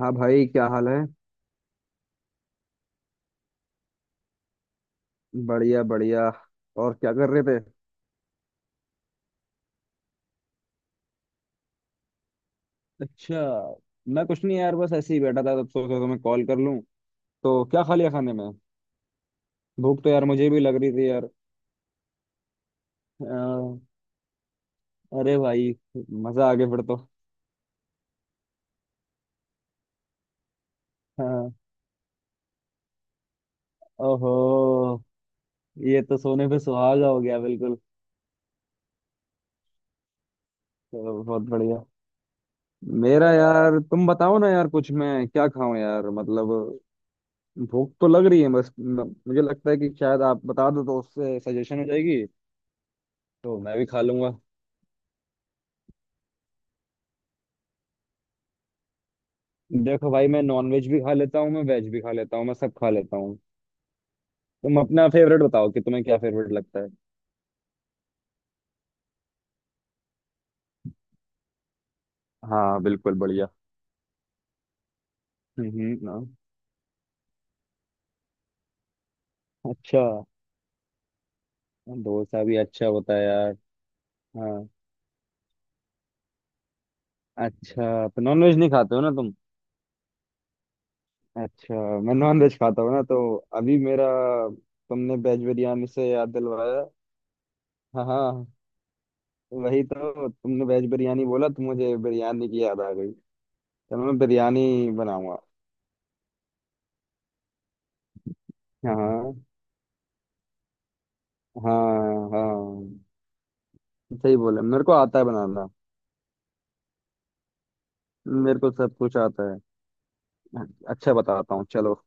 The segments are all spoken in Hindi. हाँ भाई, क्या हाल है। बढ़िया बढ़िया। और क्या कर रहे थे। अच्छा। मैं कुछ नहीं यार, बस ऐसे ही बैठा था, तब सोचा तो मैं कॉल कर लूं। तो क्या खा लिया खाने में। भूख तो यार मुझे भी लग रही थी यार। अ, अरे भाई, मजा आ गया फिर तो। हाँ। ओहो, ये तो सोने पे सुहागा हो गया बिल्कुल। तो बहुत बढ़िया। मेरा यार तुम बताओ ना यार, कुछ मैं क्या खाऊं यार, मतलब भूख तो लग रही है बस। मुझे लगता है कि शायद आप बता दो तो उससे सजेशन हो जाएगी, तो मैं भी खा लूंगा। देखो भाई, मैं नॉन वेज भी खा लेता हूँ, मैं वेज भी खा लेता हूँ, मैं सब खा लेता हूँ। तुम अपना फेवरेट बताओ कि तुम्हें क्या फेवरेट लगता है। हाँ बिल्कुल बढ़िया। हाँ। अच्छा। डोसा भी अच्छा होता है यार। हाँ। अच्छा, तो नॉन वेज नहीं खाते हो ना तुम। अच्छा। मैं नॉन वेज खाता हूँ ना तो अभी मेरा, तुमने वेज बिरयानी से याद दिलवाया। हाँ हाँ, वही तो तुमने वेज बिरयानी बोला तो मुझे बिरयानी की याद आ गई। चलो मैं बिरयानी बनाऊंगा। हाँ हाँ हाँ, सही बोले, मेरे को आता है बनाना। मेरे को सब कुछ आता है। अच्छा बताता हूँ चलो।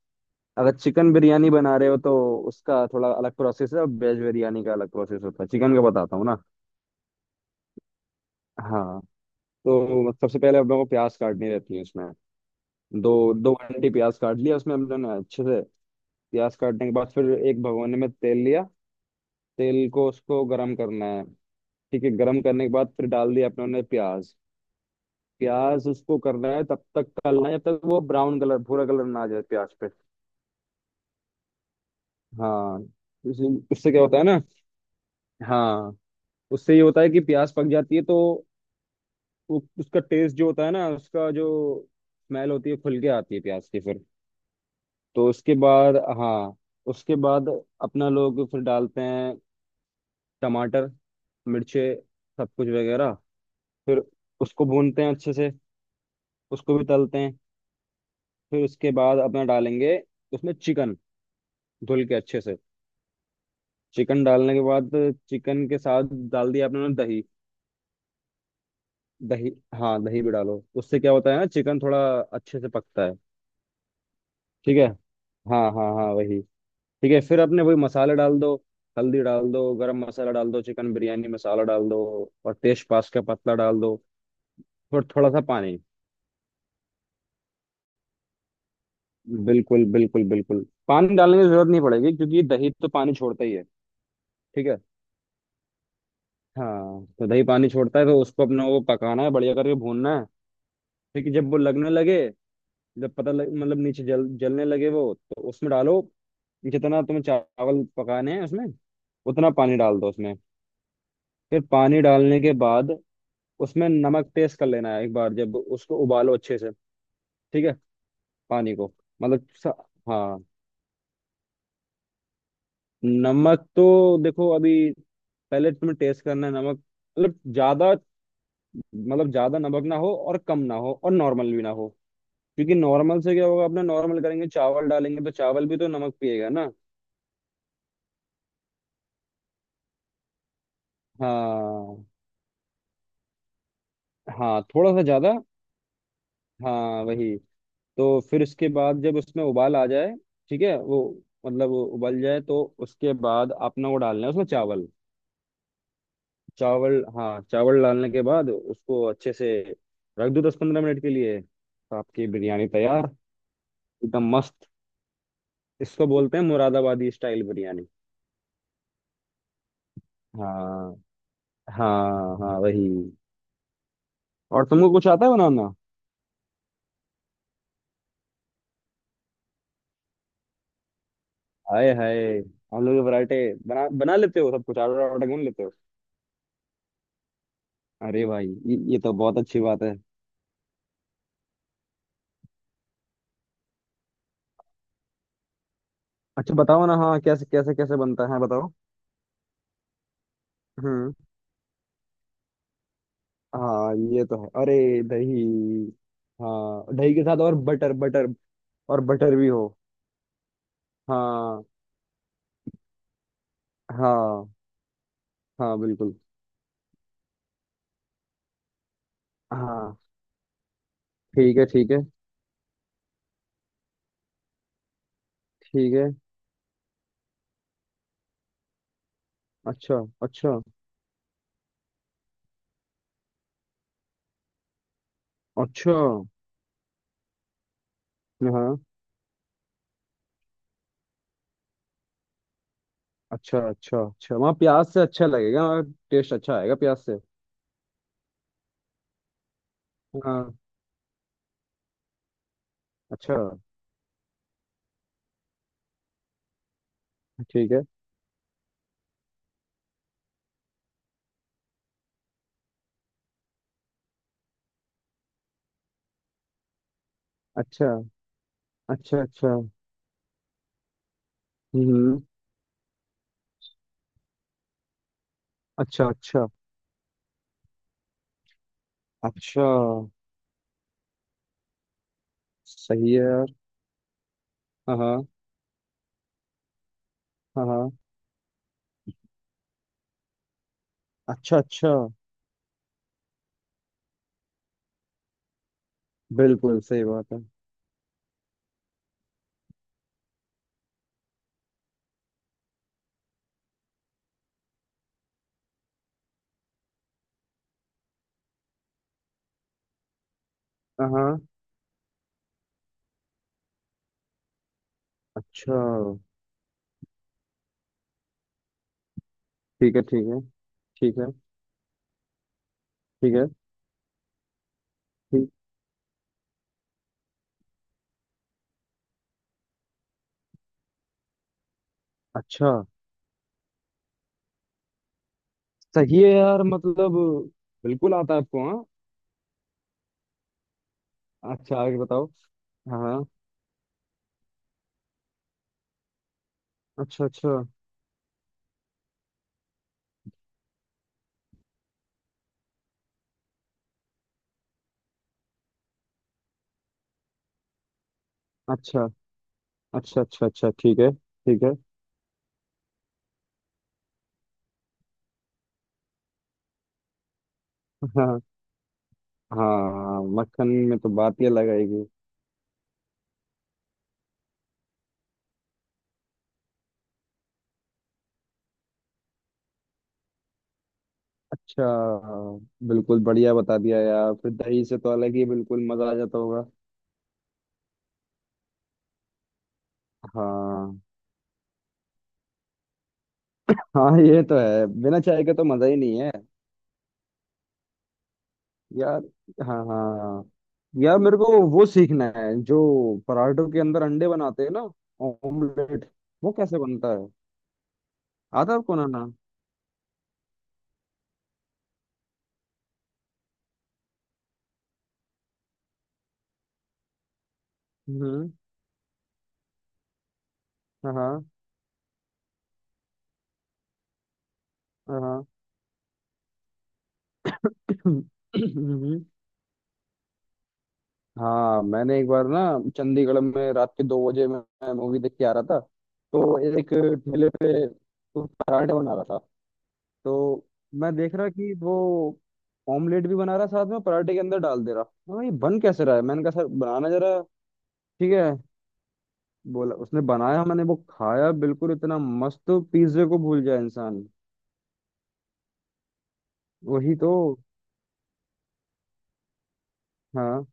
अगर चिकन बिरयानी बना रहे हो तो उसका थोड़ा अलग प्रोसेस है, और वेज बिरयानी का अलग प्रोसेस होता है। चिकन का बताता हूँ ना। हाँ। तो सबसे पहले हम लोगों को प्याज काटनी रहती है उसमें। दो दो घंटे प्याज काट लिया उसमें हम लोग ने अच्छे से। प्याज काटने के बाद फिर एक भगोने में तेल लिया। तेल को, उसको गर्म करना है। ठीक है, गर्म करने के बाद फिर डाल दिया अपने ने प्याज। प्याज उसको करना है, तब तक तलना है जब तक वो ब्राउन कलर, भूरा कलर ना आ जाए प्याज पे। हाँ। उससे क्या होता है ना। हाँ। उससे ये होता है कि प्यास पक जाती है तो उसका टेस्ट जो होता है ना, उसका जो स्मेल होती है, खुल के आती है प्याज की फिर। तो उसके बाद, हाँ, उसके बाद अपना लोग फिर डालते हैं टमाटर, मिर्चे, सब कुछ वगैरह। फिर उसको भूनते हैं अच्छे से, उसको भी तलते हैं। फिर उसके बाद अपना डालेंगे उसमें चिकन, धुल के अच्छे से। चिकन डालने के बाद, चिकन के साथ डाल दिया अपने दही। दही। हाँ दही भी डालो, उससे क्या होता है ना, चिकन थोड़ा अच्छे से पकता है। ठीक है, हाँ हाँ हाँ, वही। ठीक है, फिर अपने वही मसाले डाल दो, हल्दी डाल दो, गरम मसाला डाल दो, चिकन बिरयानी मसाला डाल दो, और तेज पास का पत्ता डाल दो। और थोड़ा सा पानी, बिल्कुल बिल्कुल बिल्कुल, पानी डालने की जरूरत नहीं पड़ेगी क्योंकि दही तो पानी छोड़ता ही है। ठीक है, हाँ, तो दही पानी छोड़ता है तो उसको अपने को पकाना है, बढ़िया करके भूनना है। ठीक है, जब वो लगने लगे, जब पता लग, मतलब नीचे जल, जलने लगे वो, तो उसमें डालो। जितना तुम्हें चावल पकाने हैं, उसमें उतना पानी डाल दो उसमें। फिर पानी डालने के बाद उसमें नमक टेस्ट कर लेना है एक बार, जब उसको उबालो अच्छे से। ठीक है, पानी को, मतलब हाँ। नमक तो देखो अभी, पहले तुम्हें टेस्ट करना है नमक। मतलब ज्यादा, मतलब ज्यादा नमक ना हो और कम ना हो और नॉर्मल भी ना हो। क्योंकि नॉर्मल से क्या होगा, अपने नॉर्मल करेंगे, चावल डालेंगे तो चावल भी तो नमक पिएगा ना। हाँ हाँ, थोड़ा सा ज्यादा, हाँ वही। तो फिर उसके बाद जब उसमें उबाल आ जाए, ठीक है वो, मतलब वो उबल जाए, तो उसके बाद आपने वो डालना है उसमें चावल। चावल, हाँ चावल डालने के बाद उसको अच्छे से रख दो 10-15 मिनट के लिए, तो आपकी बिरयानी तैयार। एकदम मस्त। इसको बोलते हैं मुरादाबादी स्टाइल बिरयानी। हाँ हाँ हाँ, वही। और तुमको कुछ आता है बनाना। हाय हाय, हम लोग वैरायटी बना, बना लेते हो सब कुछ, ऑर्डर ऑर्डर क्यों नहीं लेते हो। अरे भाई, ये तो बहुत अच्छी बात है। अच्छा बताओ ना, हाँ, कैसे कैसे कैसे बनता है बताओ। हम्म। हाँ ये तो है। अरे, दही। हाँ दही के साथ, और बटर, बटर, और बटर भी हो। हाँ हाँ हाँ, बिल्कुल। हाँ। ठीक है ठीक है ठीक है। अच्छा अच्छा अच्छा। हाँ। अच्छा अच्छा अच्छा, वहाँ प्याज से अच्छा लगेगा। टेस्ट अच्छा आएगा प्याज से। हाँ। अच्छा। ठीक है। अच्छा अच्छा अच्छा। हम्म। अच्छा अच्छा अच्छा। सही है यार। हाँ हाँ हाँ। हाँ। अच्छा अच्छा। बिल्कुल सही बात है। हाँ हाँ। अच्छा। ठीक है ठीक है ठीक है ठीक है। ठीक। अच्छा। सही है यार, मतलब बिल्कुल आता है आपको हाँ। अच्छा, आगे बताओ। हाँ हाँ। अच्छा अच्छा अच्छा अच्छा अच्छा अच्छा। ठीक है ठीक है। हाँ, हाँ मक्खन में तो बात ही अलग आएगी। अच्छा। बिल्कुल बढ़िया बता दिया यार, फिर दही से तो अलग ही बिल्कुल मजा आ जाता होगा। हाँ। हाँ ये तो है, बिना चाय के तो मजा ही नहीं है। यार, हाँ हाँ हाँ। यार मेरे को वो सीखना है, जो पराठों के अंदर अंडे बनाते हैं ना, ऑमलेट, वो कैसे बनता है। आता है आपको बनाना। हम्म। हाँ हाँ। हाँ। हम्म, हाँ मैंने एक बार ना, चंडीगढ़ में रात के 2 बजे मैं मूवी देख के आ रहा था, तो एक ठेले पे वो पराठे बना रहा था। तो मैं देख रहा कि वो ऑमलेट भी बना रहा, साथ में पराठे के अंदर डाल दे रहा। मैं, ये बन कैसे रहा है, मैंने कहा सर बनाना जरा। ठीक है, बोला उसने, बनाया, मैंने वो खाया, बिल्कुल इतना मस्त, पिज्जे को भूल जाए इंसान। वही तो। हाँ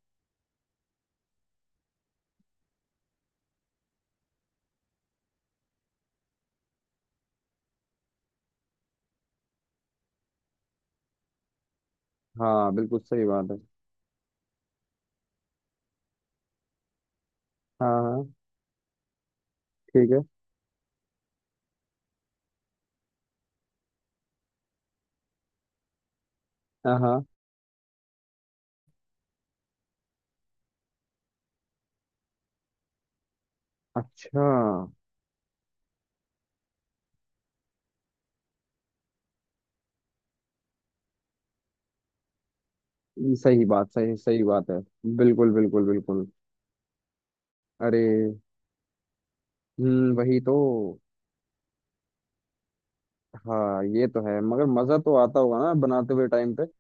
हाँ, बिल्कुल सही बात है। हाँ हाँ। ठीक है। हाँ हाँ। अच्छा। ये सही बात, सही सही बात है। बिल्कुल बिल्कुल बिल्कुल। अरे। हम्म, वही तो। हाँ ये तो है, मगर मजा तो आता होगा ना बनाते हुए टाइम पे।